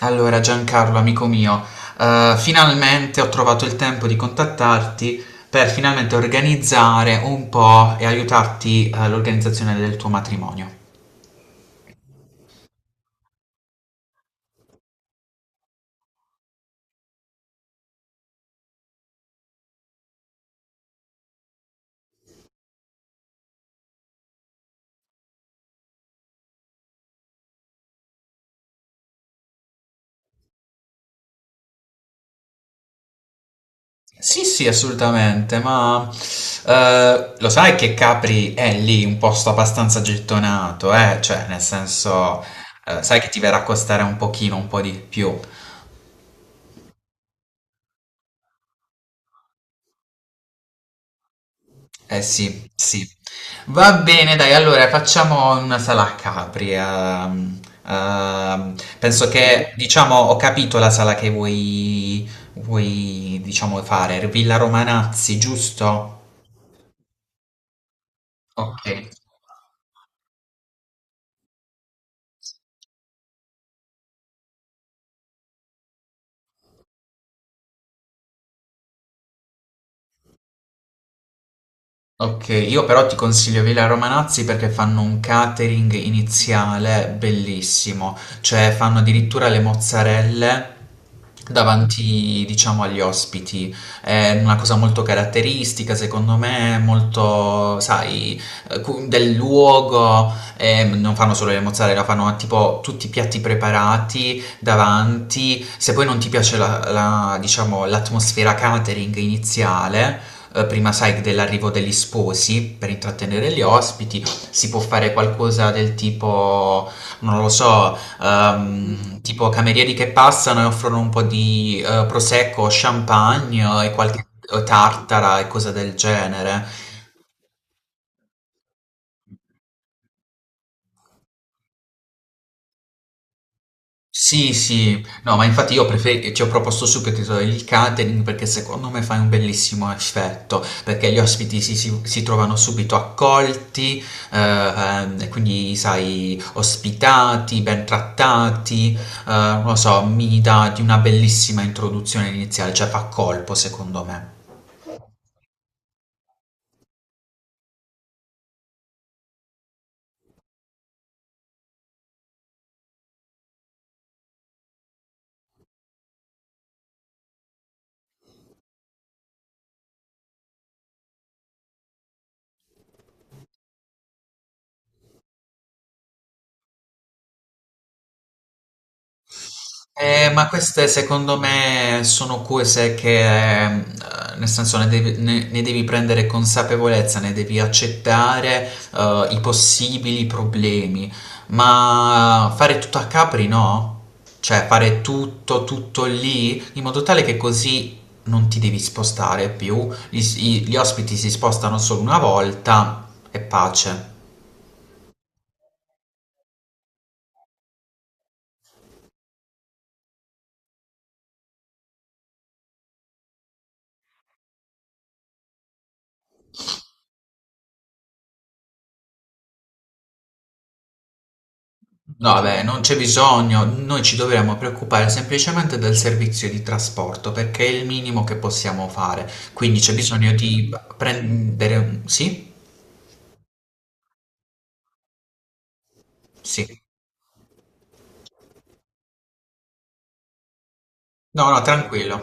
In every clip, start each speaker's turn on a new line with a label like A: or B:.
A: Allora, Giancarlo, amico mio, finalmente ho trovato il tempo di contattarti per finalmente organizzare un po' e aiutarti all'organizzazione del tuo matrimonio. Sì, sì, assolutamente, ma lo sai che Capri è lì un posto abbastanza gettonato, eh? Cioè, nel senso, sai che ti verrà a costare un pochino, un po' di più. Eh sì, sì. Va bene, dai, allora facciamo una sala a Capri. Penso che, diciamo, ho capito la sala che vuoi, diciamo, fare. Villa Romanazzi, giusto? Ok. Okay, io però ti consiglio Villa Romanazzi perché fanno un catering iniziale bellissimo, cioè fanno addirittura le mozzarelle davanti, diciamo, agli ospiti. È una cosa molto caratteristica, secondo me, molto, sai, del luogo. E non fanno solo le mozzarella, fanno tipo tutti i piatti preparati davanti. Se poi non ti piace diciamo, l'atmosfera catering iniziale, prima sai dell'arrivo degli sposi per intrattenere gli ospiti, si può fare qualcosa del tipo, non lo so, tipo camerieri che passano e offrono un po' di prosecco, champagne, e qualche tartara e cose del genere. Sì, sì, no, ma infatti io ci ho proposto subito il catering perché secondo me fai un bellissimo effetto, perché gli ospiti si trovano subito accolti, e quindi sai, ospitati, ben trattati, non lo so, mi dà di una bellissima introduzione iniziale, cioè fa colpo secondo me. Ma queste secondo me sono cose che, ehm, nel senso, ne devi prendere consapevolezza, ne devi accettare, i possibili problemi, ma fare tutto a Capri, no? Cioè fare tutto, tutto lì, in modo tale che così non ti devi spostare più, gli ospiti si spostano solo una volta e pace. No, vabbè, non c'è bisogno, noi ci dovremmo preoccupare semplicemente del servizio di trasporto perché è il minimo che possiamo fare, quindi c'è bisogno di prendere... Sì? Sì. No, no, tranquillo.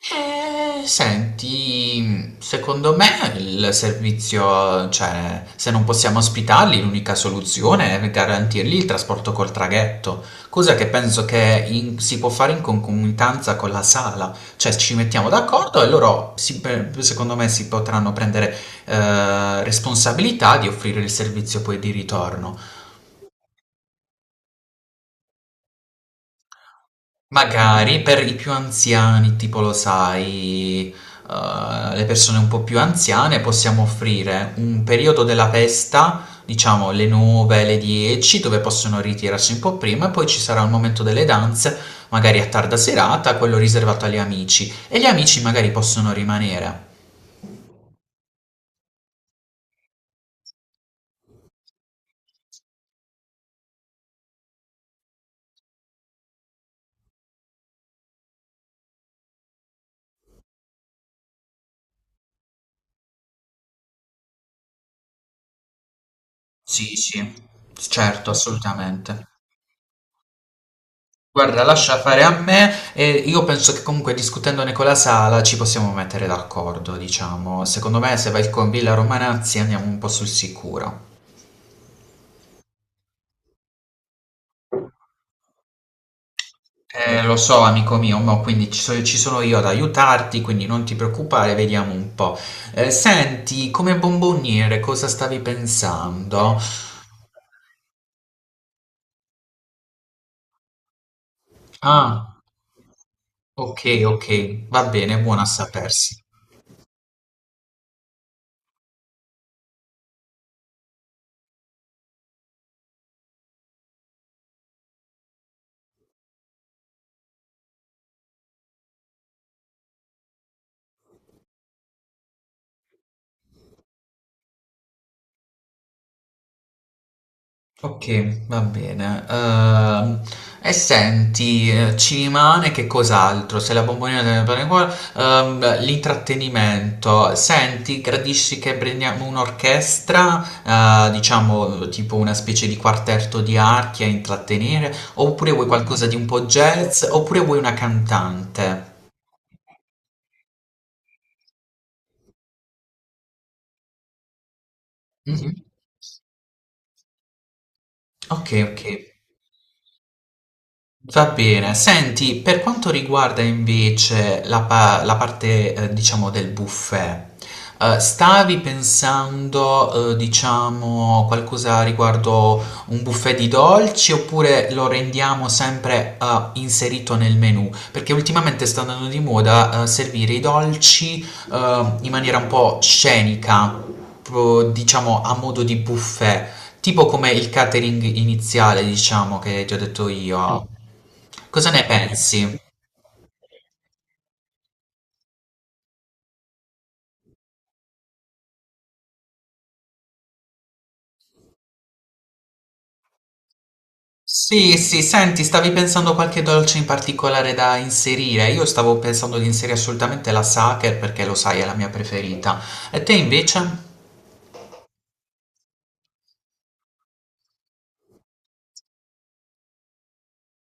A: Senti, secondo me il servizio, cioè, se non possiamo ospitarli, l'unica soluzione è garantirgli il trasporto col traghetto, cosa che penso che si può fare in concomitanza con la sala, cioè ci mettiamo d'accordo e loro, secondo me, si potranno prendere responsabilità di offrire il servizio poi di ritorno. Magari per i più anziani, tipo lo sai, le persone un po' più anziane, possiamo offrire un periodo della festa, diciamo le 9, le 10, dove possono ritirarsi un po' prima e poi ci sarà il momento delle danze, magari a tarda serata, quello riservato agli amici. E gli amici magari possono rimanere. Sì, sì, certo, assolutamente. Guarda, lascia fare a me e io penso che comunque discutendone con la sala ci possiamo mettere d'accordo, diciamo. Secondo me se vai con Villa Romanazzi andiamo un po' sul sicuro. Lo so, amico mio, ma quindi ci sono io ad aiutarti, quindi non ti preoccupare, vediamo un po'. Senti, come bomboniere cosa stavi pensando? Ah, ok, ok, va bene, buona a sapersi. Ok, va bene. E senti, ci rimane che cos'altro? Se la bomboniera deve andare qua, l'intrattenimento. Senti, gradisci che prendiamo un'orchestra, diciamo tipo una specie di quartetto di archi a intrattenere, oppure vuoi qualcosa di un po' jazz, oppure vuoi una cantante? Mhm. Ok, ok. Va bene, senti, per quanto riguarda invece la parte, diciamo, del buffet, stavi pensando, diciamo, qualcosa riguardo un buffet di dolci oppure lo rendiamo sempre, inserito nel menù? Perché ultimamente sta andando di moda, servire i dolci, in maniera un po' scenica, proprio, diciamo, a modo di buffet. Tipo come il catering iniziale, diciamo, che ti ho detto io. Cosa ne pensi? Sì, sì, senti, stavi pensando a qualche dolce in particolare da inserire? Io stavo pensando di inserire assolutamente la Sacher perché lo sai, è la mia preferita. E te invece?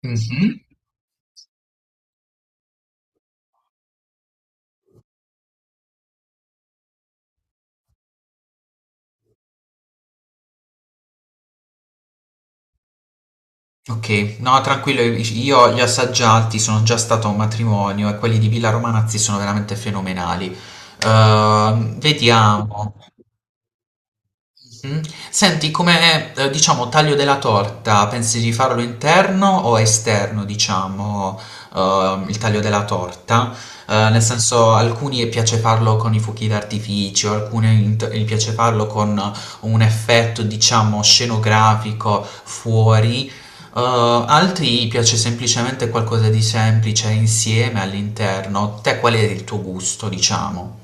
A: Mhm. Ok, no, tranquillo, io li ho assaggiati, sono già stato a un matrimonio e quelli di Villa Romanazzi sono veramente fenomenali. Vediamo. Mh. Senti, come, diciamo, taglio della torta, pensi di farlo interno o esterno, diciamo, il taglio della torta? Nel senso, alcuni piace farlo con i fuochi d'artificio, alcune int gli piace farlo con un effetto, diciamo, scenografico fuori, uhm, altri piace semplicemente qualcosa di semplice insieme all'interno. Te qual è il tuo gusto, diciamo?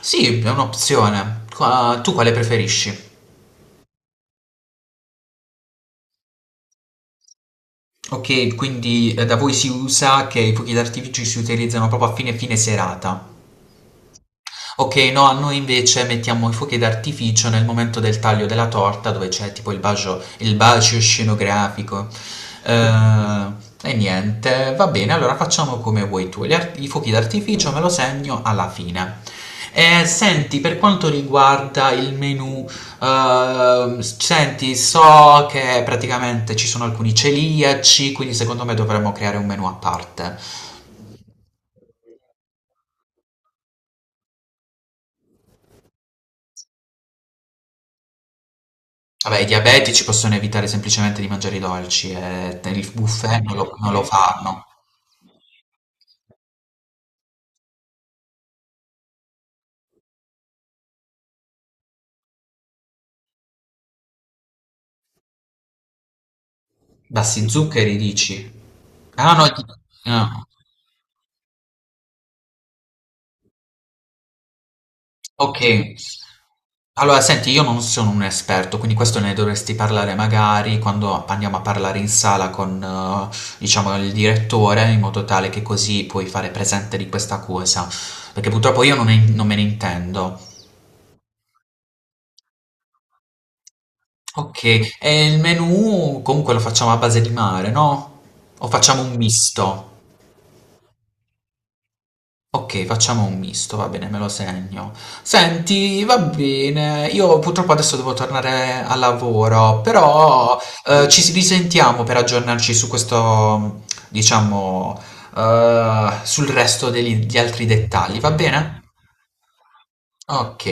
A: Sì, è un'opzione. Qua tu quale preferisci? Ok, quindi da voi si usa che i fuochi d'artificio si utilizzano proprio a fine fine serata. Ok, no, a noi invece mettiamo i fuochi d'artificio nel momento del taglio della torta dove c'è tipo il bacio scenografico. Eh, e niente, va bene, allora facciamo come vuoi tu. I fuochi d'artificio me lo segno alla fine. Senti, per quanto riguarda il menu, senti, so che praticamente ci sono alcuni celiaci, quindi secondo me dovremmo creare un menu a parte. Vabbè, i diabetici possono evitare semplicemente di mangiare i dolci, il buffet non lo fanno. Bassi zuccheri, dici? Ah no, ah, ok. Allora, senti, io non sono un esperto, quindi questo ne dovresti parlare magari quando andiamo a parlare in sala con, diciamo, il direttore, in modo tale che così puoi fare presente di questa cosa, perché purtroppo io non, ne- non me ne intendo. Ok, e il menù comunque lo facciamo a base di mare, no? O facciamo un misto? Ok, facciamo un misto, va bene, me lo segno. Senti, va bene, io purtroppo adesso devo tornare al lavoro, però ci risentiamo per aggiornarci su questo, diciamo, sul resto gli altri dettagli, va bene? Ok.